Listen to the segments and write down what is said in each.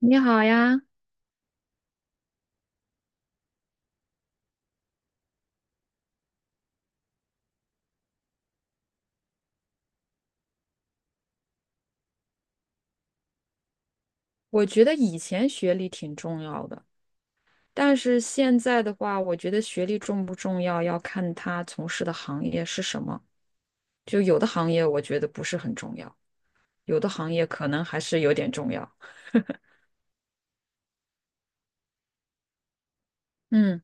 你好呀，我觉得以前学历挺重要的，但是现在的话，我觉得学历重不重要要看他从事的行业是什么。就有的行业我觉得不是很重要，有的行业可能还是有点重要。嗯，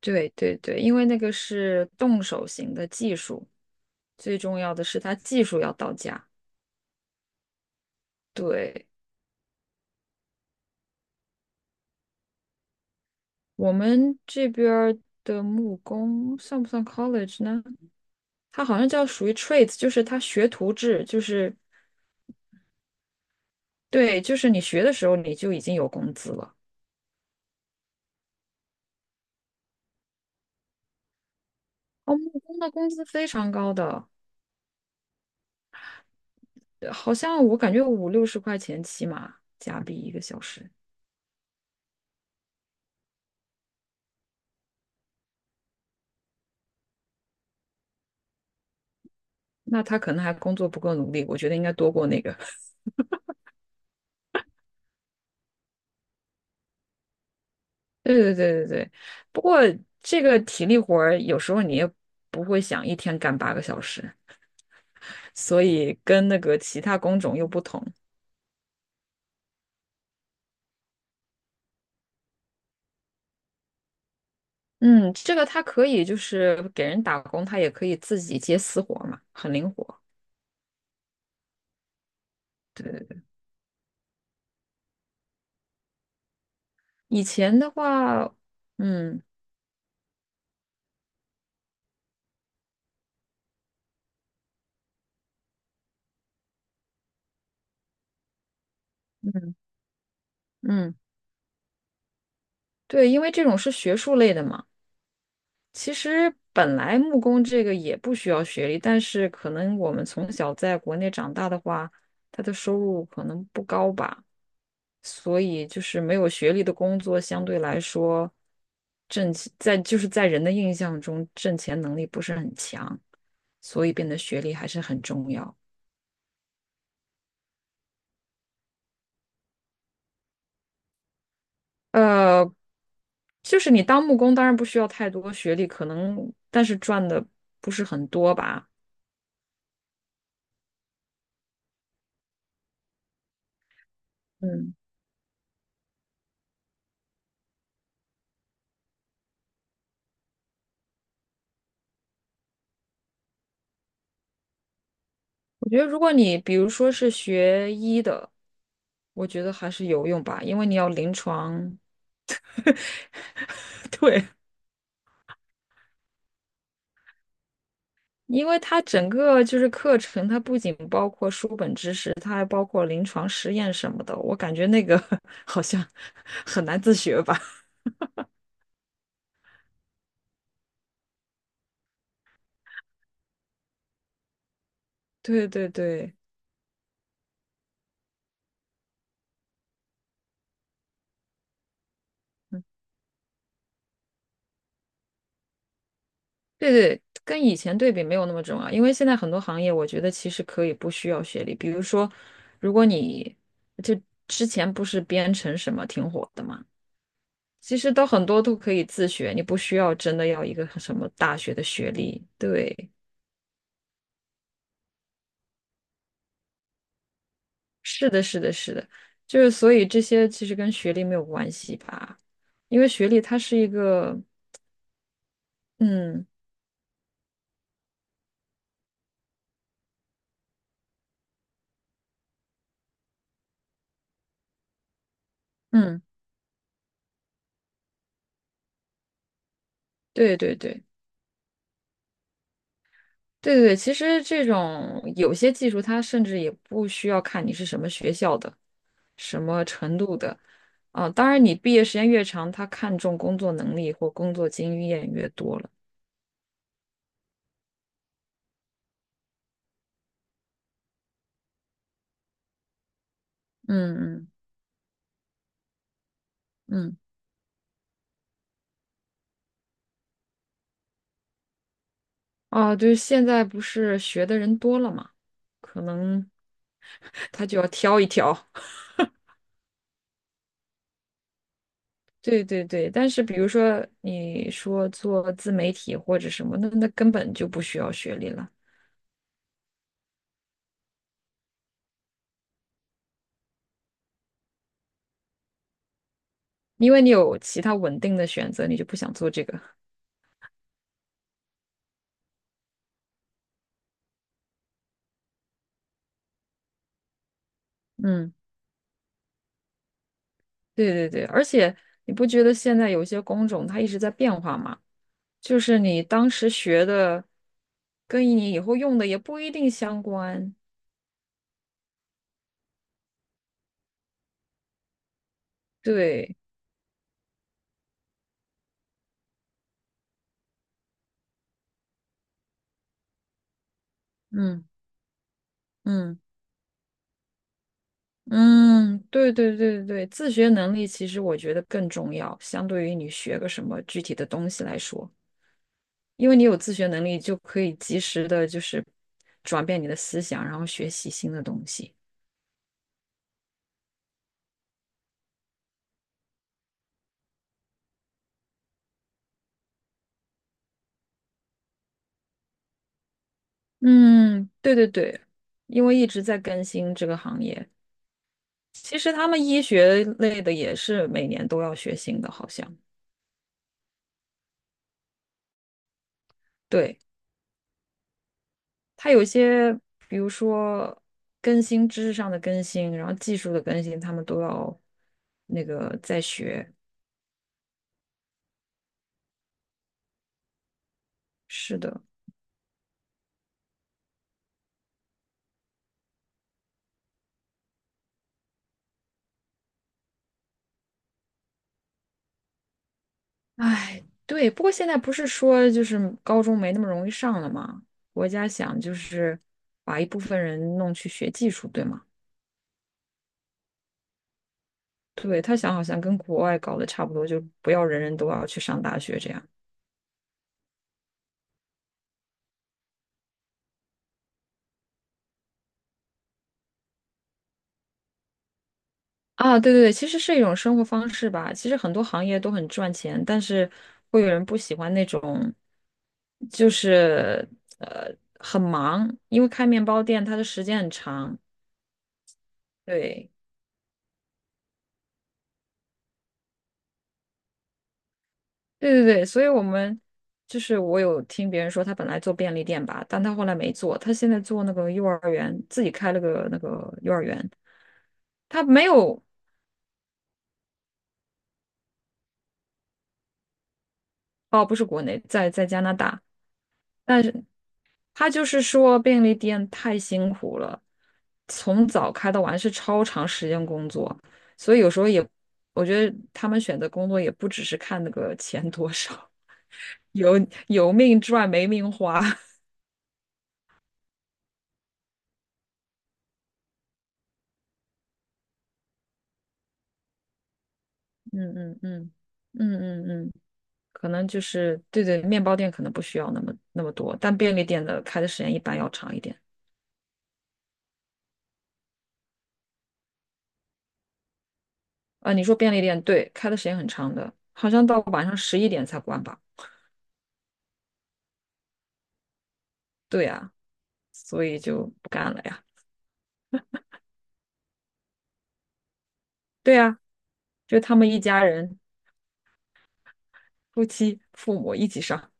对对对，因为那个是动手型的技术，最重要的是它技术要到家。对，我们这边儿的木工算不算 college 呢？它好像叫属于 trades，就是它学徒制，就是。对，就是你学的时候你就已经有工资了。哦，木工的工资非常高的，好像我感觉五六十块钱起码加币一个小时。那他可能还工作不够努力，我觉得应该多过那个。对对对对对。不过这个体力活儿有时候你也不会想一天干8个小时，所以跟那个其他工种又不同。嗯，这个他可以就是给人打工，他也可以自己接私活儿嘛，很灵活。对对对，以前的话。嗯，嗯嗯，对，因为这种是学术类的嘛。其实本来木工这个也不需要学历，但是可能我们从小在国内长大的话，他的收入可能不高吧，所以就是没有学历的工作相对来说挣钱在就是在人的印象中挣钱能力不是很强，所以变得学历还是很重要。呃，就是你当木工当然不需要太多学历，可能但是赚的不是很多吧。嗯。我觉得，如果你比如说是学医的，我觉得还是有用吧，因为你要临床，对，因为它整个就是课程，它不仅包括书本知识，它还包括临床实验什么的。我感觉那个 好像很难自学吧。对对对，嗯，对对，跟以前对比没有那么重要，因为现在很多行业，我觉得其实可以不需要学历。比如说，如果你就之前不是编程什么挺火的嘛。其实都很多都可以自学，你不需要真的要一个什么大学的学历。对，是的，是的，是的，就是所以这些其实跟学历没有关系吧，因为学历它是一个，嗯嗯，对对对对对对，其实这种有些技术它甚至也不需要看你是什么学校的、什么程度的，啊，当然你毕业时间越长，他看重工作能力或工作经验越多了。嗯嗯嗯。啊，对，现在不是学的人多了嘛，可能 他就要挑一挑。对对对，但是比如说你说做自媒体或者什么，那根本就不需要学历了，因为你有其他稳定的选择，你就不想做这个。嗯，对对对，而且你不觉得现在有些工种它一直在变化吗？就是你当时学的，跟你以后用的也不一定相关。对，嗯嗯。嗯，对对对对对，自学能力其实我觉得更重要，相对于你学个什么具体的东西来说，因为你有自学能力，就可以及时的，就是转变你的思想，然后学习新的东西。嗯，对对对，因为一直在更新这个行业，其实他们医学类的也是每年都要学新的，好像。对，它有一些，比如说更新知识上的更新，然后技术的更新，他们都要那个在学。是的，哎，对。不过现在不是说就是高中没那么容易上了吗？国家想就是把一部分人弄去学技术，对吗？对，他想好像跟国外搞得差不多，就不要人人都要去上大学这样啊。对对对，其实是一种生活方式吧。其实很多行业都很赚钱，但是会有人不喜欢那种，就是呃很忙，因为开面包店它的时间很长。对。对对对，所以我们就是我有听别人说，他本来做便利店吧，但他后来没做，他现在做那个幼儿园，自己开了个那个幼儿园。他没有，哦，不是国内，在加拿大，但是他就是说便利店太辛苦了，从早开到晚是超长时间工作，所以有时候也，我觉得他们选择工作也不只是看那个钱多少，有有命赚没命花，嗯嗯嗯嗯嗯嗯。可能就是对对，面包店可能不需要那么那么多，但便利店的开的时间一般要长一点。啊、你说便利店对，开的时间很长的，好像到晚上11点才关吧？对呀、所以就不干了呀。对呀、就他们一家人，夫妻、父母一起上。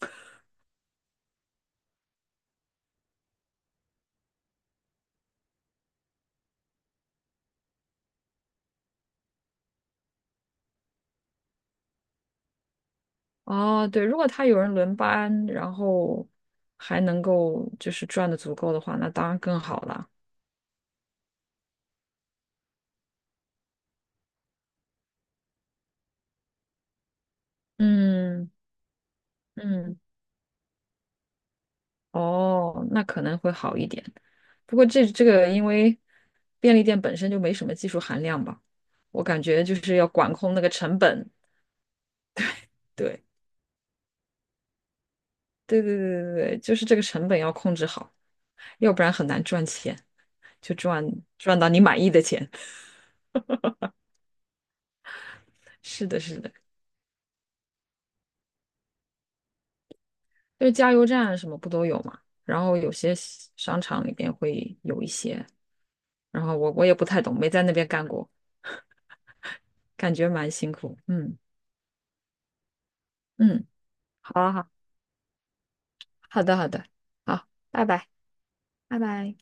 哦，对，如果他有人轮班，然后还能够就是赚的足够的话，那当然更好了。嗯嗯，哦，那可能会好一点。不过这个因为便利店本身就没什么技术含量吧，我感觉就是要管控那个成本。对，对对对对对，就是这个成本要控制好，要不然很难赚钱，就赚到你满意的钱。是的，是的，就是加油站什么不都有嘛？然后有些商场里边会有一些，然后我也不太懂，没在那边干过，感觉蛮辛苦。嗯嗯，好啊好，好的好的，好，拜拜。拜拜。